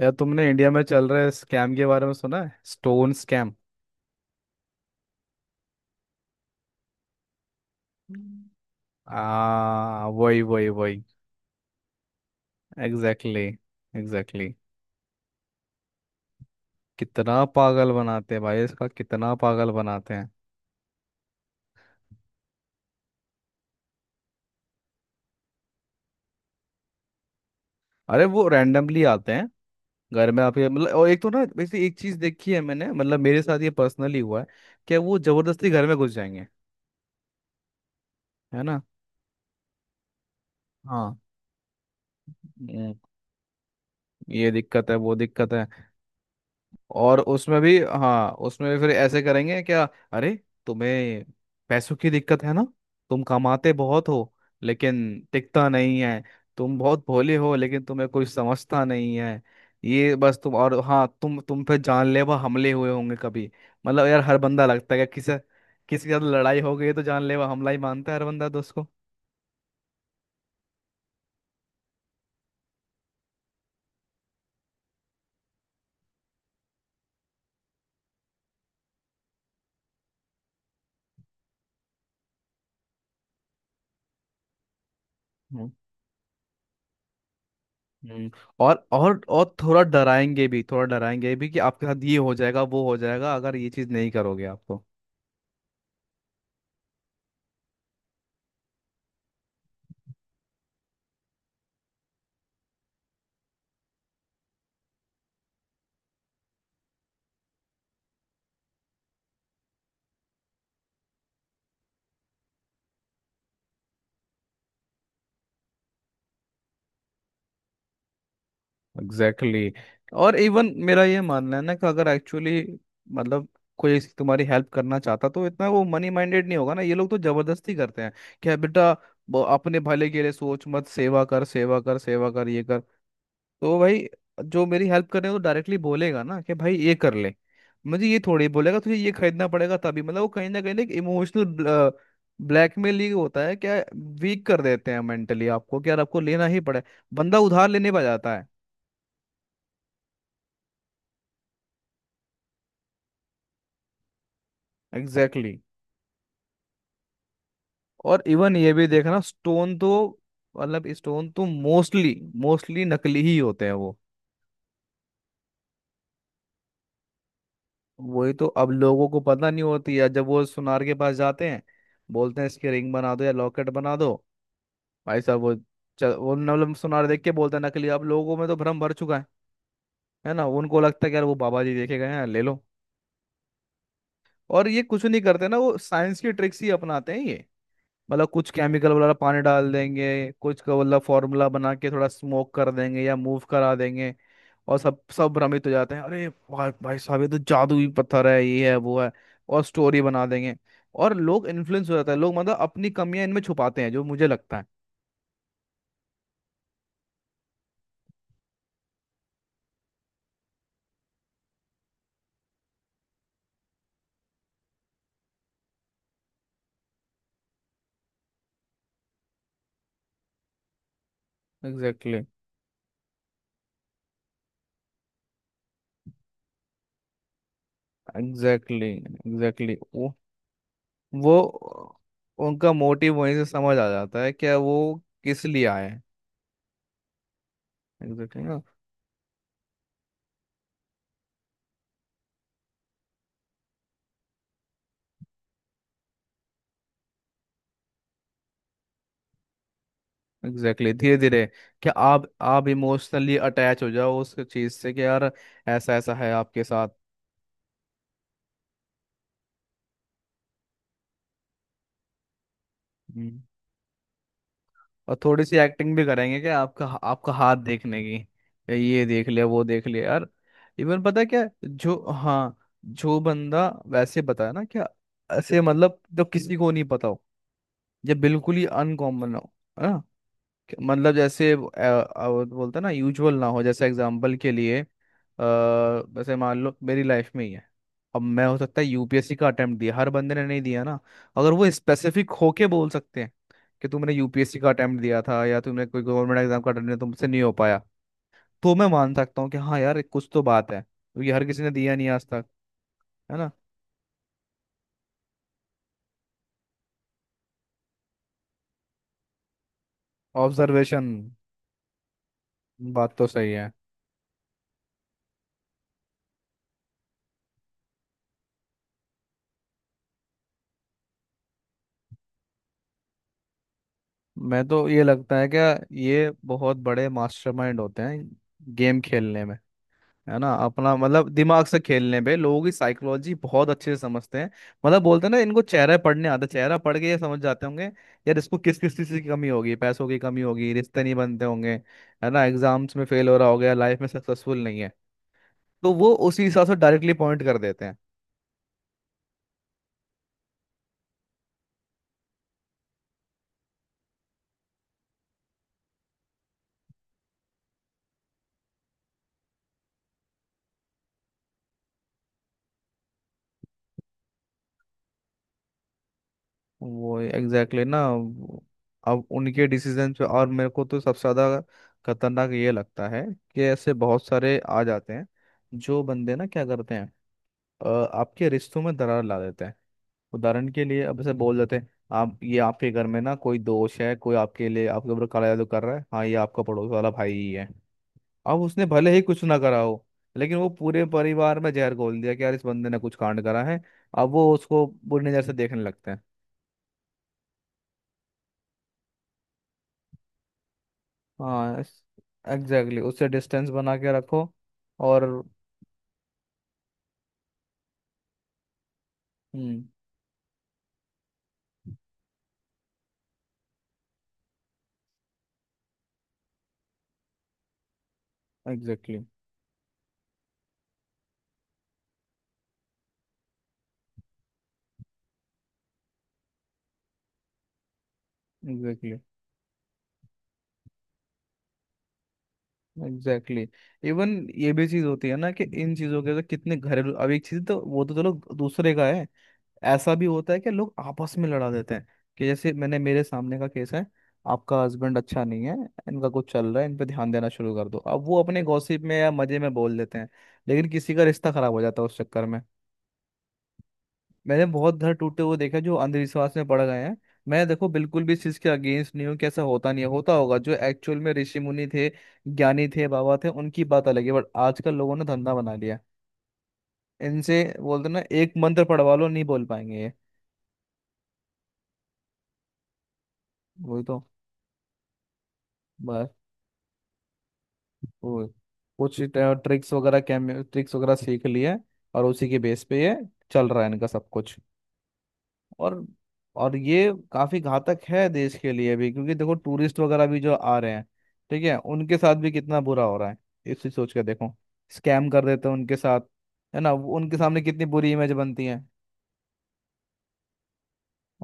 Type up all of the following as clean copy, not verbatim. यार, तुमने इंडिया में चल रहे स्कैम के बारे में सुना है? Stone scam. आ, वही वही वही. Exactly, exactly. Exactly, exactly. कितना पागल बनाते हैं भाई, इसका कितना पागल बनाते हैं. अरे, वो रैंडमली आते हैं घर में आपके, मतलब. और एक तो ना, वैसे एक चीज देखी है मैंने, मतलब, मेरे साथ ये पर्सनली हुआ है कि वो जबरदस्ती घर में घुस जाएंगे. है ना. हाँ. हम्म, ये दिक्कत है, वो दिक्कत है. और उसमें भी, हाँ, उसमें भी फिर ऐसे करेंगे, क्या, अरे, तुम्हें पैसों की दिक्कत है ना, तुम कमाते बहुत हो लेकिन टिकता नहीं है, तुम बहुत भोले हो लेकिन तुम्हें कोई समझता नहीं है. ये बस तुम, और हाँ, तुम पे जानलेवा हमले हुए होंगे कभी. मतलब यार, हर बंदा लगता है कि किसी किसी के साथ लड़ाई हो गई है तो जानलेवा हमला ही मानता है हर बंदा दोस्त को. हम्म. हम्म, और थोड़ा डराएंगे भी, थोड़ा डराएंगे भी कि आपके साथ ये हो जाएगा, वो हो जाएगा, अगर ये चीज नहीं करोगे आप तो. Exactly, exactly. और इवन मेरा ये मानना है ना कि अगर एक्चुअली, मतलब, कोई तुम्हारी हेल्प करना चाहता तो इतना वो मनी माइंडेड नहीं होगा ना. ये लोग तो जबरदस्ती करते हैं कि बेटा, अपने भले के लिए सोच मत, सेवा कर, सेवा कर, सेवा कर, ये कर. तो भाई, जो मेरी हेल्प कर रहे हैं तो डायरेक्टली बोलेगा ना कि भाई ये कर ले. मुझे ये थोड़ी बोलेगा तुझे ये खरीदना पड़ेगा तभी. मतलब वो कहीं ना एक इमोशनल ब्लैकमेल ही होता है क्या. वीक कर देते हैं मेंटली आपको कि यार आपको लेना ही पड़े. बंदा उधार लेने पर जाता है. एग्जैक्टली. और इवन ये भी देखना, स्टोन तो, मतलब, स्टोन तो मोस्टली, मोस्टली नकली ही होते हैं वो. वही तो. अब लोगों को पता नहीं होती है, जब वो सुनार के पास जाते हैं, बोलते हैं इसकी रिंग बना दो या लॉकेट बना दो. भाई साहब, वो चल, वो, मतलब, सुनार देख के बोलते हैं नकली. अब लोगों में तो भ्रम भर चुका है ना. उनको लगता है कि यार वो बाबा जी देखे गए हैं, ले लो. और ये कुछ नहीं करते ना, वो साइंस की ट्रिक्स ही अपनाते हैं ये. मतलब कुछ केमिकल वगैरह पानी डाल देंगे, कुछ का, मतलब, फार्मूला बना के थोड़ा स्मोक कर देंगे या मूव करा देंगे. और सब सब भ्रमित हो जाते हैं, अरे भाई भाई साहब, ये तो जादुई पत्थर है, ये है, वो है. और स्टोरी बना देंगे. और लोग इन्फ्लुएंस हो जाता है. लोग, मतलब, अपनी कमियां इनमें छुपाते हैं, जो मुझे लगता है. Exactly, exactly, exactly. वो उनका मोटिव वहीं से समझ आ जाता है, क्या वो किस लिए आए हैं. एग्जैक्टली. एग्जैक्टली, धीरे धीरे, क्या, आप इमोशनली अटैच हो जाओ उस चीज से कि यार ऐसा ऐसा है आपके साथ. हम्म. और थोड़ी सी एक्टिंग भी करेंगे कि आपका आपका हाथ देखने की, ये देख लिया, वो देख लिया, यार. इवन पता है क्या जो, हाँ, जो बंदा वैसे बताया ना क्या, ऐसे, मतलब, जो किसी को नहीं पता हो, जब बिल्कुल ही अनकॉमन हो, है ना, मतलब जैसे, वो बोलते हैं ना यूजुअल ना हो. जैसे एग्जांपल के लिए, जैसे मान लो मेरी लाइफ में ही है. अब मैं, हो सकता है, यूपीएससी का अटेम्प्ट दिया, हर बंदे ने नहीं दिया ना. अगर वो स्पेसिफिक होके बोल सकते हैं कि तुमने यूपीएससी का अटेम्प्ट दिया था या तुमने कोई गवर्नमेंट एग्जाम का अटेम्प्ट दिया, तुमसे नहीं हो पाया, तो मैं मान सकता हूँ कि हाँ यार कुछ तो बात है, क्योंकि हर किसी ने दिया नहीं आज तक. है ना. ऑब्जर्वेशन. बात तो सही है. मैं तो, ये लगता है कि ये बहुत बड़े मास्टरमाइंड होते हैं गेम खेलने में, है ना. अपना, मतलब, दिमाग से खेलने पे लोगों की साइकोलॉजी बहुत अच्छे से समझते हैं. मतलब बोलते हैं ना, इनको चेहरा पढ़ने आता है, चेहरा पढ़ के ये समझ जाते होंगे यार इसको किस किस चीज की कमी होगी, पैसों की कमी होगी, रिश्ते नहीं बनते होंगे, है ना, एग्जाम्स में फेल हो रहा होगा, लाइफ में सक्सेसफुल नहीं है. तो वो उसी हिसाब से डायरेक्टली पॉइंट कर देते हैं. वो एग्जैक्टली ना, अब उनके डिसीजन पे. और मेरे को तो सबसे ज्यादा खतरनाक ये लगता है कि ऐसे बहुत सारे आ जाते हैं, जो बंदे ना क्या करते हैं, आपके रिश्तों में दरार ला देते हैं. उदाहरण के लिए, अब ऐसे बोल देते हैं, आप ये आपके घर में ना कोई दोष है, कोई आपके लिए आपके ऊपर काला जादू कर रहा है, हाँ, ये आपका पड़ोस वाला भाई ही है. अब उसने भले ही कुछ ना करा हो, लेकिन वो पूरे परिवार में जहर घोल दिया कि यार इस बंदे ने कुछ कांड करा है. अब वो उसको बुरी नजर से देखने लगते हैं. हाँ, एग्जैक्टली, उससे डिस्टेंस बना के रखो. और. Hmm. Exactly, exactly. Exactly, exactly. Even ये भी चीज होती है ना कि इन चीजों के तो कितने घरेलू. अब एक चीज तो, वो तो चलो, दूसरे का है. ऐसा भी होता है कि लोग आपस में लड़ा देते हैं, कि जैसे मैंने, मेरे सामने का केस है. आपका हस्बैंड अच्छा नहीं है, इनका कुछ चल रहा है, इन पे ध्यान देना शुरू कर दो. अब वो अपने गॉसिप में या मजे में बोल देते हैं, लेकिन किसी का रिश्ता खराब हो जाता है उस चक्कर में. मैंने बहुत घर टूटे हुए देखा जो अंधविश्वास में पड़ गए हैं. मैं, देखो, बिल्कुल भी इस चीज के अगेंस्ट नहीं हूँ कि ऐसा होता नहीं है, होता होगा, जो एक्चुअल में ऋषि मुनि थे, ज्ञानी थे, बाबा थे, उनकी बात अलग है. बट आजकल लोगों ने धंधा बना लिया. इनसे बोलते ना एक मंत्र पढ़वा लो, नहीं बोल पाएंगे ये. वही तो. बस वो कुछ ट्रिक्स वगैरह, कैम ट्रिक्स वगैरह सीख लिए, और उसी के बेस पे ये चल रहा है इनका सब कुछ. और और ये काफी घातक है देश के लिए भी, क्योंकि देखो, टूरिस्ट वगैरह भी जो आ रहे हैं, ठीक है, उनके साथ भी कितना बुरा हो रहा है. इसी सोच के, देखो, स्कैम कर देते हैं उनके साथ. है ना, उनके सामने कितनी बुरी इमेज बनती है,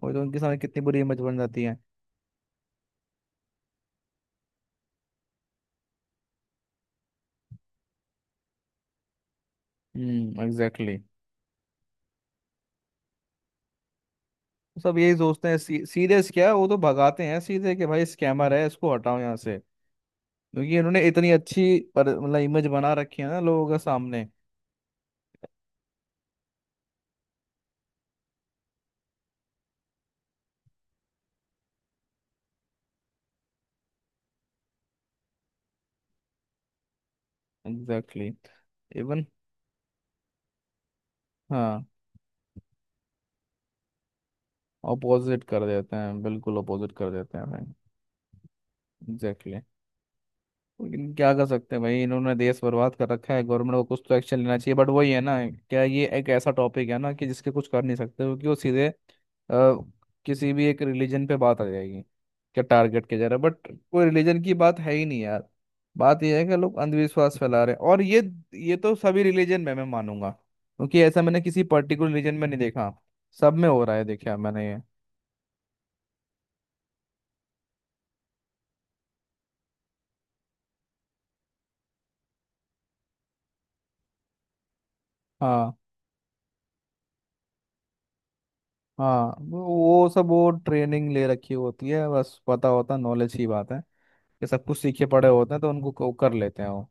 और तो उनके सामने कितनी बुरी इमेज बन जाती है. हम्म. एग्जैक्टली. सब यही सोचते हैं, सीरियस क्या है. वो तो भगाते हैं सीधे कि भाई स्कैमर है, इसको हटाओ यहाँ से. क्योंकि इन्होंने इतनी अच्छी, पर, मतलब, इमेज बना रखी है ना लोगों के सामने. एग्जैक्टली. इवन, हाँ, अपोजिट कर देते हैं, बिल्कुल अपोजिट कर देते हैं भाई. Exactly, exactly. लेकिन क्या कर सकते हैं भाई, इन्होंने देश बर्बाद कर रखा है. गवर्नमेंट को कुछ तो एक्शन लेना चाहिए, बट वही है ना. क्या, ये एक ऐसा टॉपिक है ना कि जिसके कुछ कर नहीं सकते, क्योंकि वो सीधे, किसी भी एक रिलीजन पे बात आ जाएगी. क्या टारगेट किया जा रहा है. बट कोई रिलीजन की बात है ही नहीं यार. बात यह है कि लोग अंधविश्वास फैला रहे हैं और ये. ये तो सभी रिलीजन में मैं मानूंगा, क्योंकि ऐसा मैंने किसी पर्टिकुलर रिलीजन में नहीं देखा. सब में हो रहा है, देखा मैंने ये. हाँ. हाँ, वो सब वो ट्रेनिंग ले रखी होती है, बस पता होता, नॉलेज की बात है कि सब कुछ सीखे पड़े होते हैं, तो उनको कर लेते हैं वो.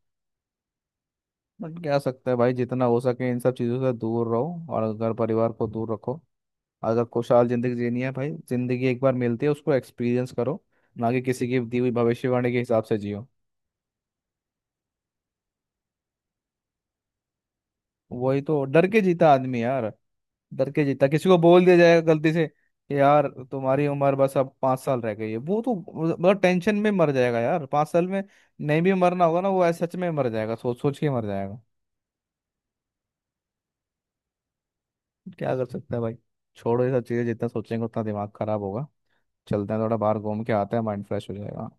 बट क्या सकता है भाई, जितना हो सके इन सब चीज़ों से दूर रहो और घर परिवार को दूर रखो, अगर खुशहाल जिंदगी जीनी है भाई. जिंदगी एक बार मिलती है, उसको एक्सपीरियंस करो, ना कि किसी की दी हुई भविष्यवाणी के हिसाब से जियो. वही तो, डर के जीता आदमी यार. डर के जीता, किसी को बोल दिया जाएगा गलती से कि यार तुम्हारी उम्र बस अब 5 साल रह गई है, वो तो मतलब टेंशन में मर जाएगा यार 5 साल में. नहीं भी मरना होगा ना, वो ऐसे सच में मर जाएगा, सोच सोच के मर जाएगा. क्या कर सकता है भाई. छोड़ो ये सब चीज़ें, जितना सोचेंगे उतना दिमाग खराब होगा. चलते हैं, थोड़ा बाहर घूम के आते हैं, माइंड फ्रेश हो जाएगा.